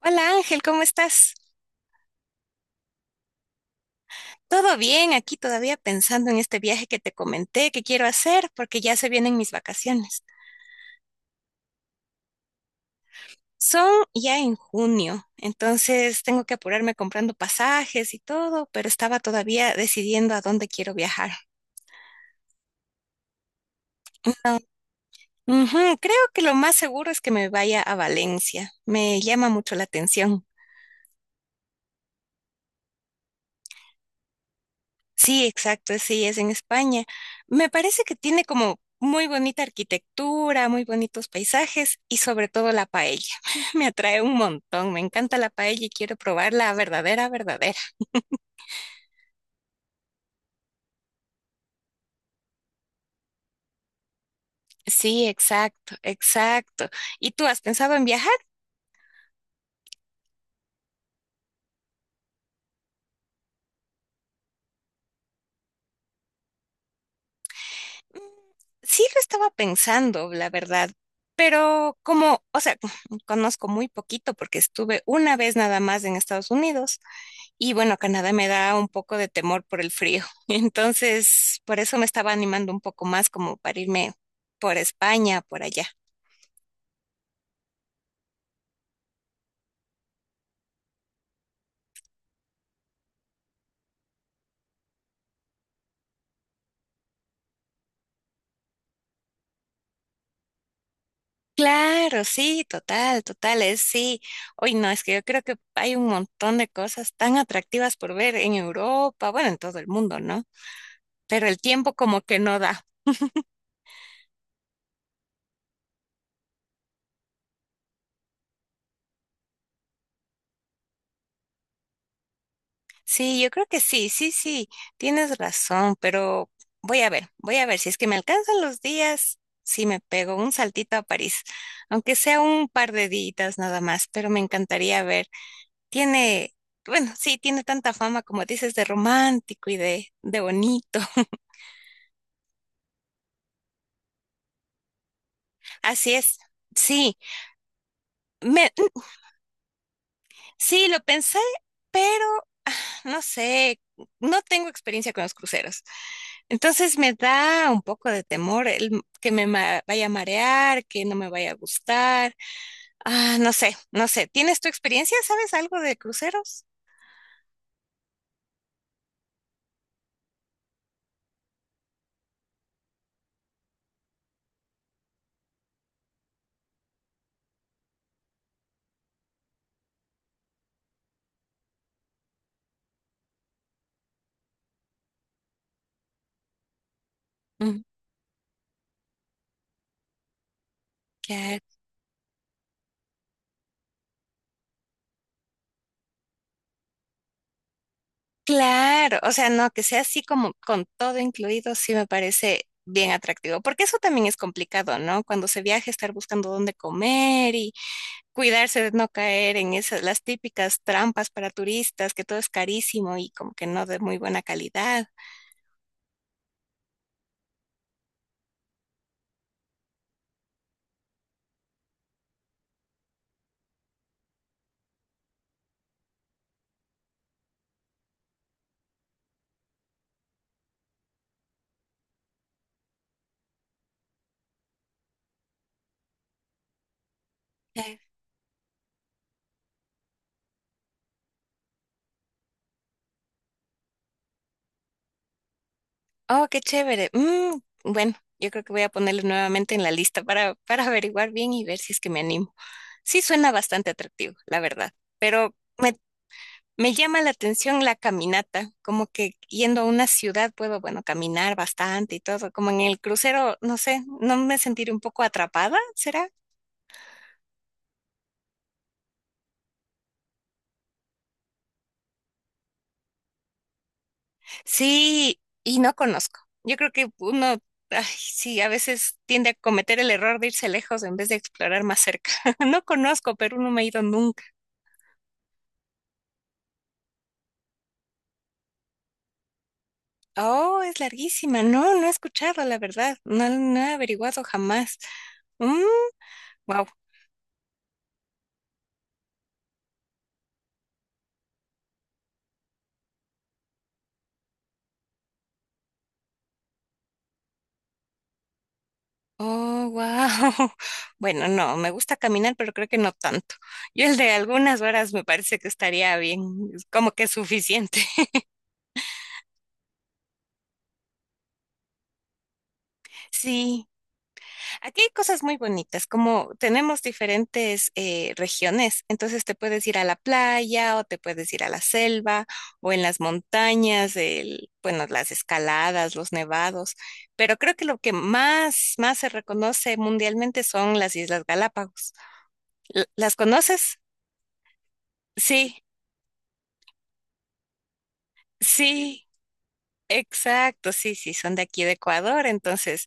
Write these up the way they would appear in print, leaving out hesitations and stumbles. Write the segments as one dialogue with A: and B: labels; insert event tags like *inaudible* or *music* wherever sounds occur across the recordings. A: Hola Ángel, ¿cómo estás? ¿Todo bien? Aquí todavía pensando en este viaje que te comenté que quiero hacer porque ya se vienen mis vacaciones. Son ya en junio, entonces tengo que apurarme comprando pasajes y todo, pero estaba todavía decidiendo a dónde quiero viajar. Ah, ujú, creo que lo más seguro es que me vaya a Valencia. Me llama mucho la atención. Sí, exacto, sí, es en España. Me parece que tiene como muy bonita arquitectura, muy bonitos paisajes y sobre todo la paella. *laughs* Me atrae un montón, me encanta la paella y quiero probarla, verdadera, verdadera. Sí, exacto, exacto. ¿Y tú has pensado en viajar? Mm, sí, lo estaba pensando, la verdad. Pero como, o sea, *laughs* conozco muy poquito porque estuve una vez nada más en Estados Unidos. Y bueno, Canadá me da un poco de temor por el frío. *laughs* Entonces, por eso me estaba animando un poco más como para irme por España, por allá. Claro, sí, total, total, es sí. Hoy no, es que yo creo que hay un montón de cosas tan atractivas por ver en Europa, bueno, en todo el mundo, ¿no? Pero el tiempo como que no da. Sí, yo creo que sí, sí, sí, tienes razón, pero voy a ver si es que me alcanzan los días, sí me pego un saltito a París, aunque sea un par de días nada más, pero me encantaría ver. Tiene, bueno, sí, tiene tanta fama como dices de romántico y de bonito. *laughs* Así es. Sí, me, sí, lo pensé, pero ah, no sé, no tengo experiencia con los cruceros. Entonces me da un poco de temor que vaya a marear, que no me vaya a gustar. Ah, no sé, no sé. ¿Tienes tu experiencia? ¿Sabes algo de cruceros? Mm, ya, claro, o sea, no, que sea así como con todo incluido, sí me parece bien atractivo, porque eso también es complicado, ¿no? Cuando se viaja, estar buscando dónde comer cuidarse de no caer en esas, las típicas trampas para turistas, que todo es carísimo y como que no de muy buena calidad. Eh, Oh, qué chévere. Bueno, yo creo que voy a ponerlo nuevamente en la lista para averiguar bien y ver si es que me animo. Sí, suena bastante atractivo, la verdad, pero me llama la atención la caminata, como que yendo a una ciudad puedo, bueno, caminar bastante y todo, como en el crucero, no sé, no me sentiré un poco atrapada, ¿será? Sí, y no conozco. Yo creo que uno, ay, sí, a veces tiende a cometer el error de irse lejos en vez de explorar más cerca. *laughs* No conozco, Perú no me he ido nunca. Oh, es larguísima. No, no he escuchado, la verdad. No, no he averiguado jamás. Wow. Oh, wow. *laughs* Bueno, no, me gusta caminar, pero creo que no tanto. Yo el de algunas horas me parece que estaría bien, como que es suficiente. *laughs* Sí. Aquí hay cosas muy bonitas, como tenemos diferentes regiones, entonces te puedes ir a la playa o te puedes ir a la selva o en las montañas, el, bueno, las escaladas, los nevados, pero creo que lo que más, más se reconoce mundialmente son las Islas Galápagos. ¿Las conoces? Sí, sí. Exacto, sí, sí, son de aquí de Ecuador, entonces,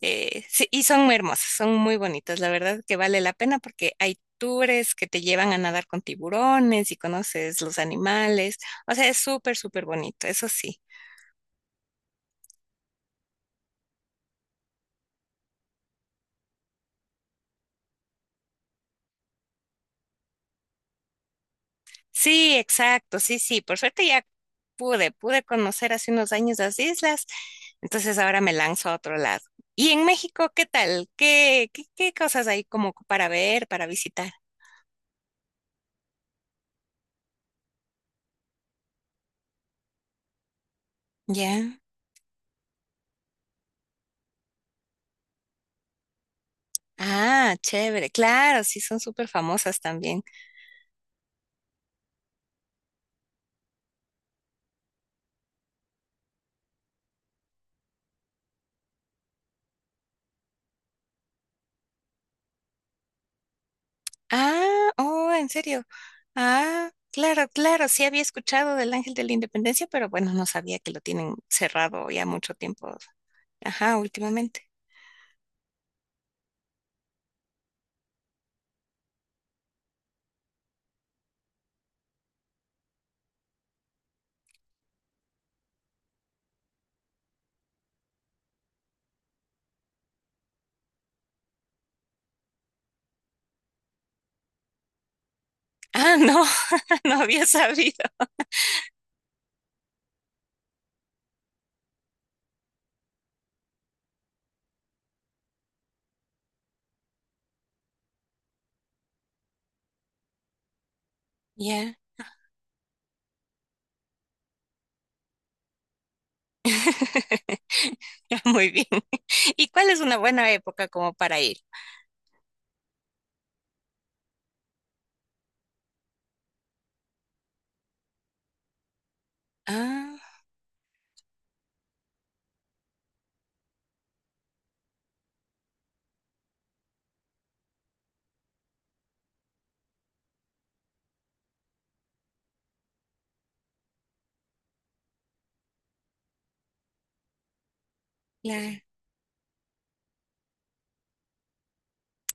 A: sí, y son muy hermosos, son muy bonitos, la verdad que vale la pena porque hay tours que te llevan a nadar con tiburones y conoces los animales, o sea, es súper, súper bonito, eso sí. Sí, exacto, sí, sí, por suerte ya pude conocer hace unos años las islas, entonces ahora me lanzo a otro lado. ¿Y en México qué tal? ¿Qué cosas hay como para ver, para visitar? Ya. Ah, chévere. Claro, sí, son súper famosas también. Ah, oh, en serio. Ah, claro, claro. Sí había escuchado del Ángel de la Independencia, pero bueno, no sabía que lo tienen cerrado ya mucho tiempo. Ajá, últimamente. Ah, no, *laughs* no había sabido. Ya. *laughs* Muy bien. ¿Y cuál es una buena época como para ir? Ah, claro.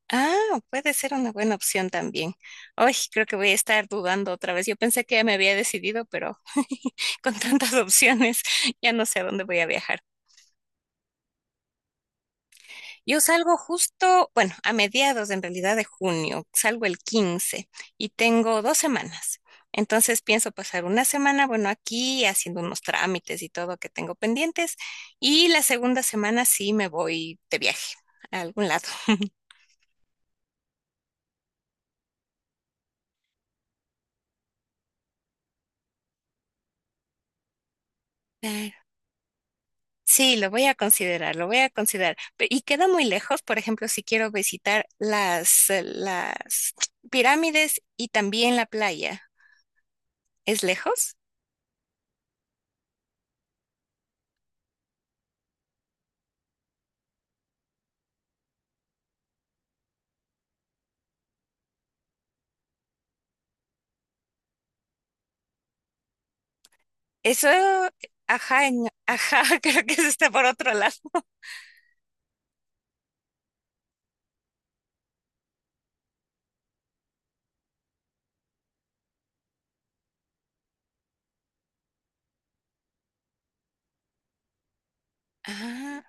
A: Ah, puede ser una buena opción también. Hoy creo que voy a estar dudando otra vez. Yo pensé que ya me había decidido, pero *laughs* con tantas opciones ya no sé a dónde voy a viajar. Yo salgo justo, bueno, a mediados en realidad de junio, salgo el 15 y tengo 2 semanas. Entonces pienso pasar una semana, bueno, aquí haciendo unos trámites y todo que tengo pendientes y la segunda semana sí me voy de viaje a algún lado. *laughs* Sí, lo voy a considerar, lo voy a considerar. Y queda muy lejos, por ejemplo, si quiero visitar las pirámides y también la playa. ¿Es lejos? Eso, ajá, ajá, *laughs* creo que eso está por otro lado. Ah,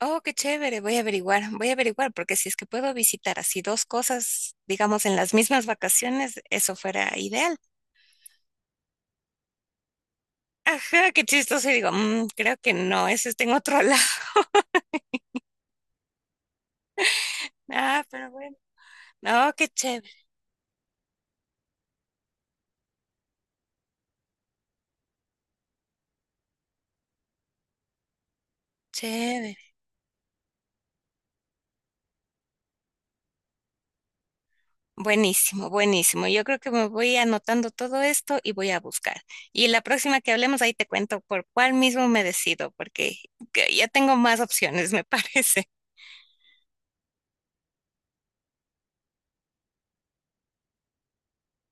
A: oh, qué chévere, voy a averiguar, porque si es que puedo visitar así dos cosas, digamos, en las mismas vacaciones, eso fuera ideal. Ajá, qué chistoso, y digo, "Mm, creo que no, eso está en otro lado. *laughs* Ah, pero bueno. No, qué chévere, chévere. Buenísimo, buenísimo. Yo creo que me voy anotando todo esto y voy a buscar. Y la próxima que hablemos, ahí te cuento por cuál mismo me decido, porque que ya tengo más opciones, me *laughs* parece.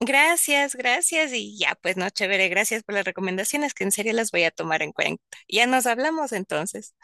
A: Gracias, gracias. Y ya, pues no, chévere, gracias por las recomendaciones, que en serio las voy a tomar en cuenta. Ya nos hablamos entonces.